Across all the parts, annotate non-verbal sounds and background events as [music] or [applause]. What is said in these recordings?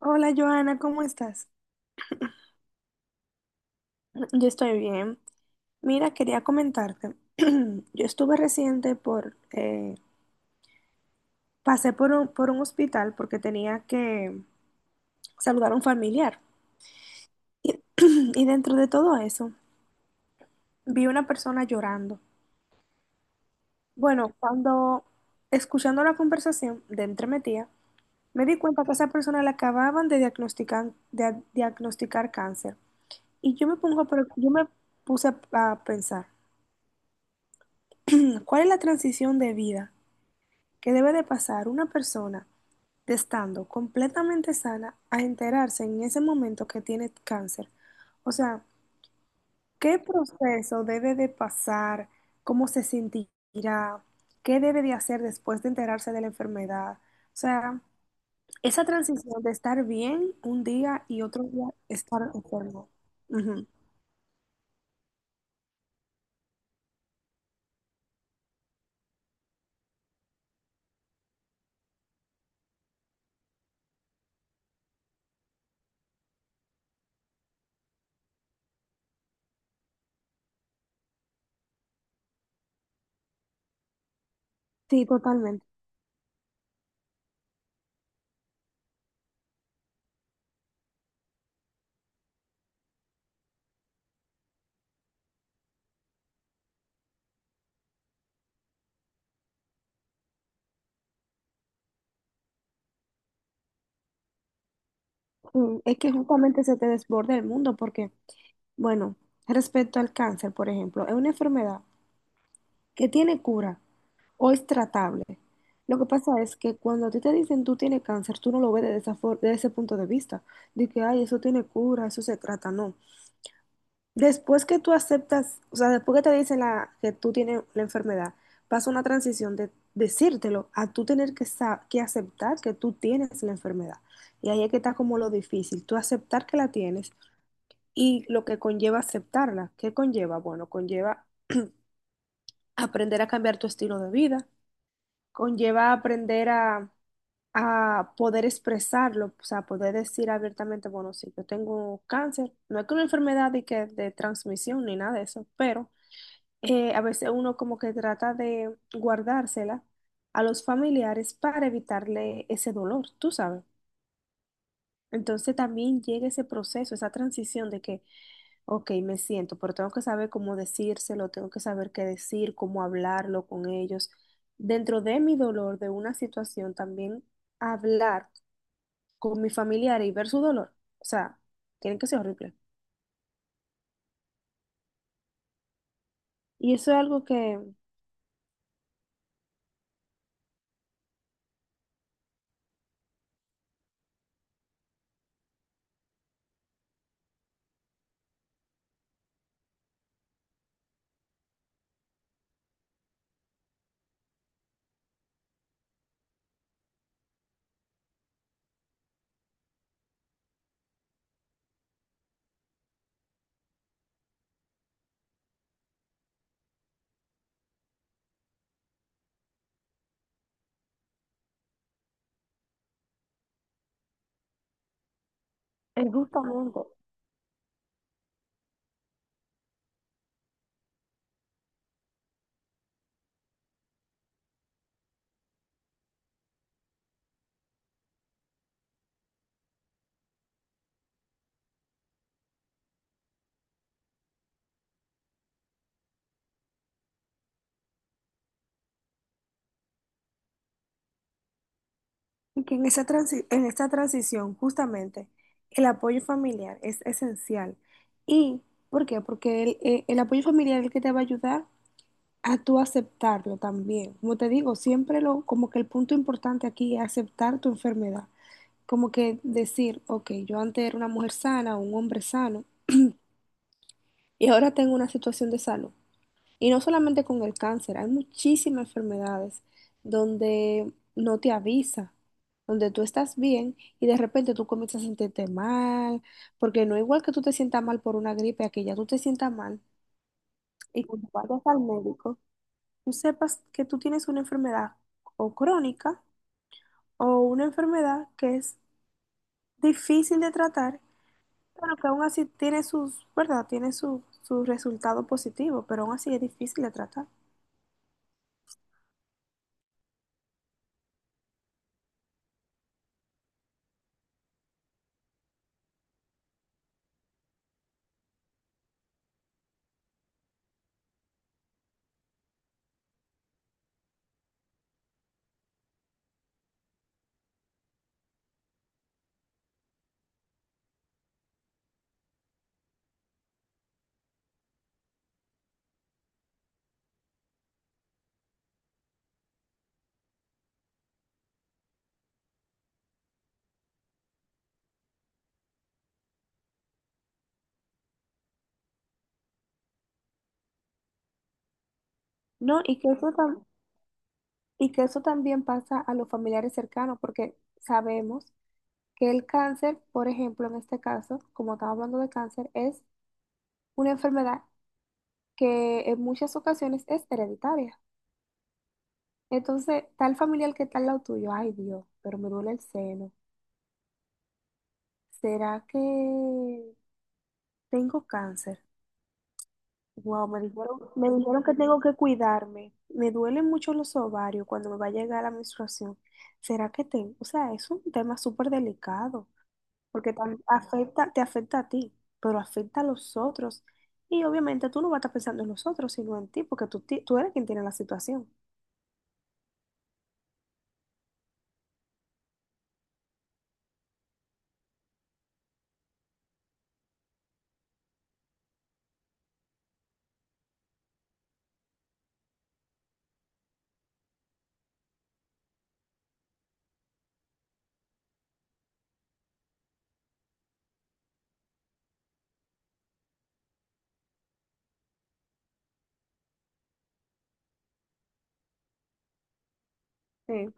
Hola Joana, ¿cómo estás? [clears throat] Yo estoy bien. Mira, quería comentarte. [clears throat] Yo estuve reciente por, pasé por un hospital porque tenía que saludar a un familiar. Y, [clears throat] y dentro de todo eso, vi una persona llorando. Bueno, cuando escuchando la conversación de entre mi tía, me di cuenta que a esa persona le acababan de diagnosticar cáncer. Y yo me pongo, yo me puse a pensar, ¿cuál es la transición de vida que debe de pasar una persona de estando completamente sana a enterarse en ese momento que tiene cáncer? O sea, ¿qué proceso debe de pasar? ¿Cómo se sentirá? ¿Qué debe de hacer después de enterarse de la enfermedad? O sea, esa transición de estar bien un día y otro día estar enfermo". Ujú. Sí, totalmente. Es que justamente se te desborda el mundo porque, bueno, respecto al cáncer, por ejemplo, es una enfermedad que tiene cura, o es tratable. Lo que pasa es que cuando a ti te dicen tú tienes cáncer, tú no lo ves de de ese punto de vista, de que, ay, eso tiene cura, eso se trata, no. Después que tú aceptas, o sea, después que te dicen que tú tienes la enfermedad, pasa una transición de decírtelo a tú tener que, que aceptar que tú tienes la enfermedad. Y ahí es que está como lo difícil, tú aceptar que la tienes y lo que conlleva aceptarla. ¿Qué conlleva? Bueno, conlleva aprender a cambiar tu estilo de vida, conlleva aprender a poder expresarlo, o sea, poder decir abiertamente, bueno, sí, yo tengo cáncer, no es que una enfermedad de, que, de transmisión ni nada de eso, pero a veces uno como que trata de guardársela a los familiares para evitarle ese dolor, tú sabes. Entonces también llega ese proceso, esa transición de que, ok, me siento, pero tengo que saber cómo decírselo, tengo que saber qué decir, cómo hablarlo con ellos. Dentro de mi dolor, de una situación, también hablar con mis familiares y ver su dolor, o sea, tiene que ser horrible. Y eso es algo que es justamente, que en esa en esta transición, justamente, el apoyo familiar es esencial. ¿Y por qué? Porque el apoyo familiar es el que te va a ayudar a tú aceptarlo también. Como te digo, siempre lo, como que el punto importante aquí es aceptar tu enfermedad. Como que decir, ok, yo antes era una mujer sana, un hombre sano, y ahora tengo una situación de salud. Y no solamente con el cáncer, hay muchísimas enfermedades donde no te avisa, donde tú estás bien y de repente tú comienzas a sentirte mal, porque no es igual que tú te sientas mal por una gripe, a que ya tú te sientas mal y cuando vayas al médico, tú sepas que tú tienes una enfermedad o crónica o una enfermedad que es difícil de tratar, pero que aún así tiene sus, ¿verdad? Tiene su, su resultado positivo, pero aún así es difícil de tratar. No, y y que eso también pasa a los familiares cercanos, porque sabemos que el cáncer, por ejemplo, en este caso, como estamos hablando de cáncer, es una enfermedad que en muchas ocasiones es hereditaria. Entonces, tal familiar que está al lado tuyo, ay Dios, pero me duele el seno. ¿Será que tengo cáncer? Wow, me dijeron que tengo que cuidarme. Me duelen mucho los ovarios cuando me va a llegar la menstruación. ¿Será que tengo? O sea, es un tema súper delicado. Porque afecta, te afecta a ti, pero afecta a los otros. Y obviamente tú no vas a estar pensando en los otros, sino en ti, porque tú eres quien tiene la situación. Sí.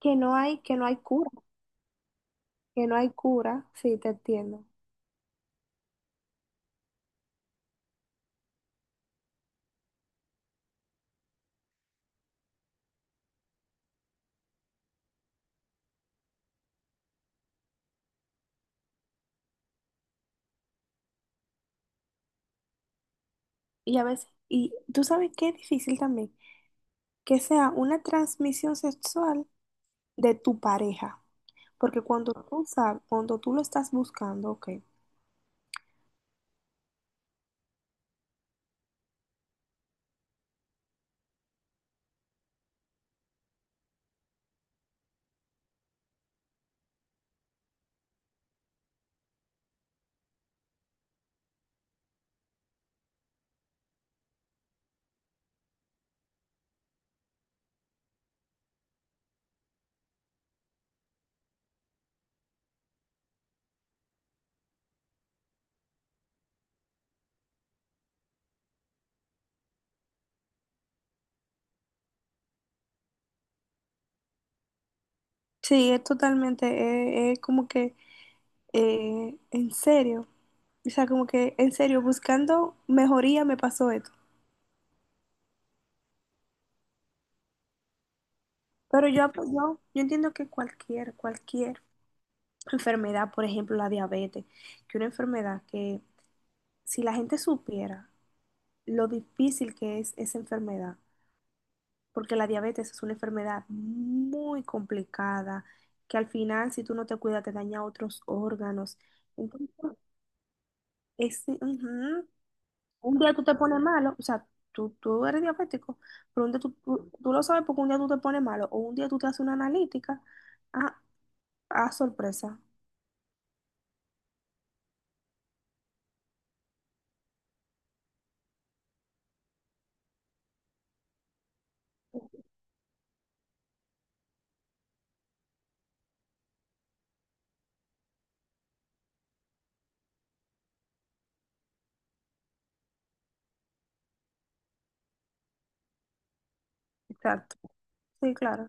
Que no hay cura, que no hay cura, sí, te entiendo. Y a veces, y tú sabes qué es difícil también, que sea una transmisión sexual de tu pareja, porque cuando tú sabes, cuando tú lo estás buscando, ok. Sí, es totalmente, es como que, en serio. O sea, como que en serio, buscando mejoría me pasó esto. Pero yo entiendo que cualquier enfermedad, por ejemplo la diabetes, que una enfermedad que si la gente supiera lo difícil que es esa enfermedad, porque la diabetes es una enfermedad muy complicada, que al final si tú no te cuidas te daña otros órganos. Entonces, es, ujú, un día tú te pones malo, o sea, tú eres diabético, pero un día tú lo sabes porque un día tú te pones malo o un día tú te haces una analítica. Ah, ah, sorpresa. Exacto. Sí, claro.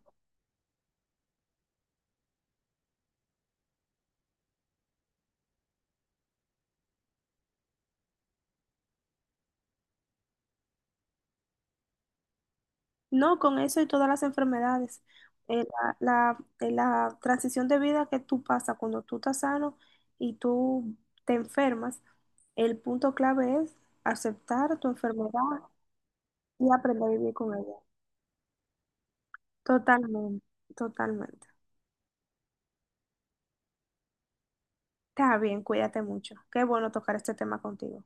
No, con eso y todas las enfermedades. Eh, la transición de vida que tú pasas cuando tú estás sano y tú te enfermas, el punto clave es aceptar tu enfermedad y aprender a vivir con ella. Totalmente, totalmente. Está bien, cuídate mucho. Qué bueno tocar este tema contigo.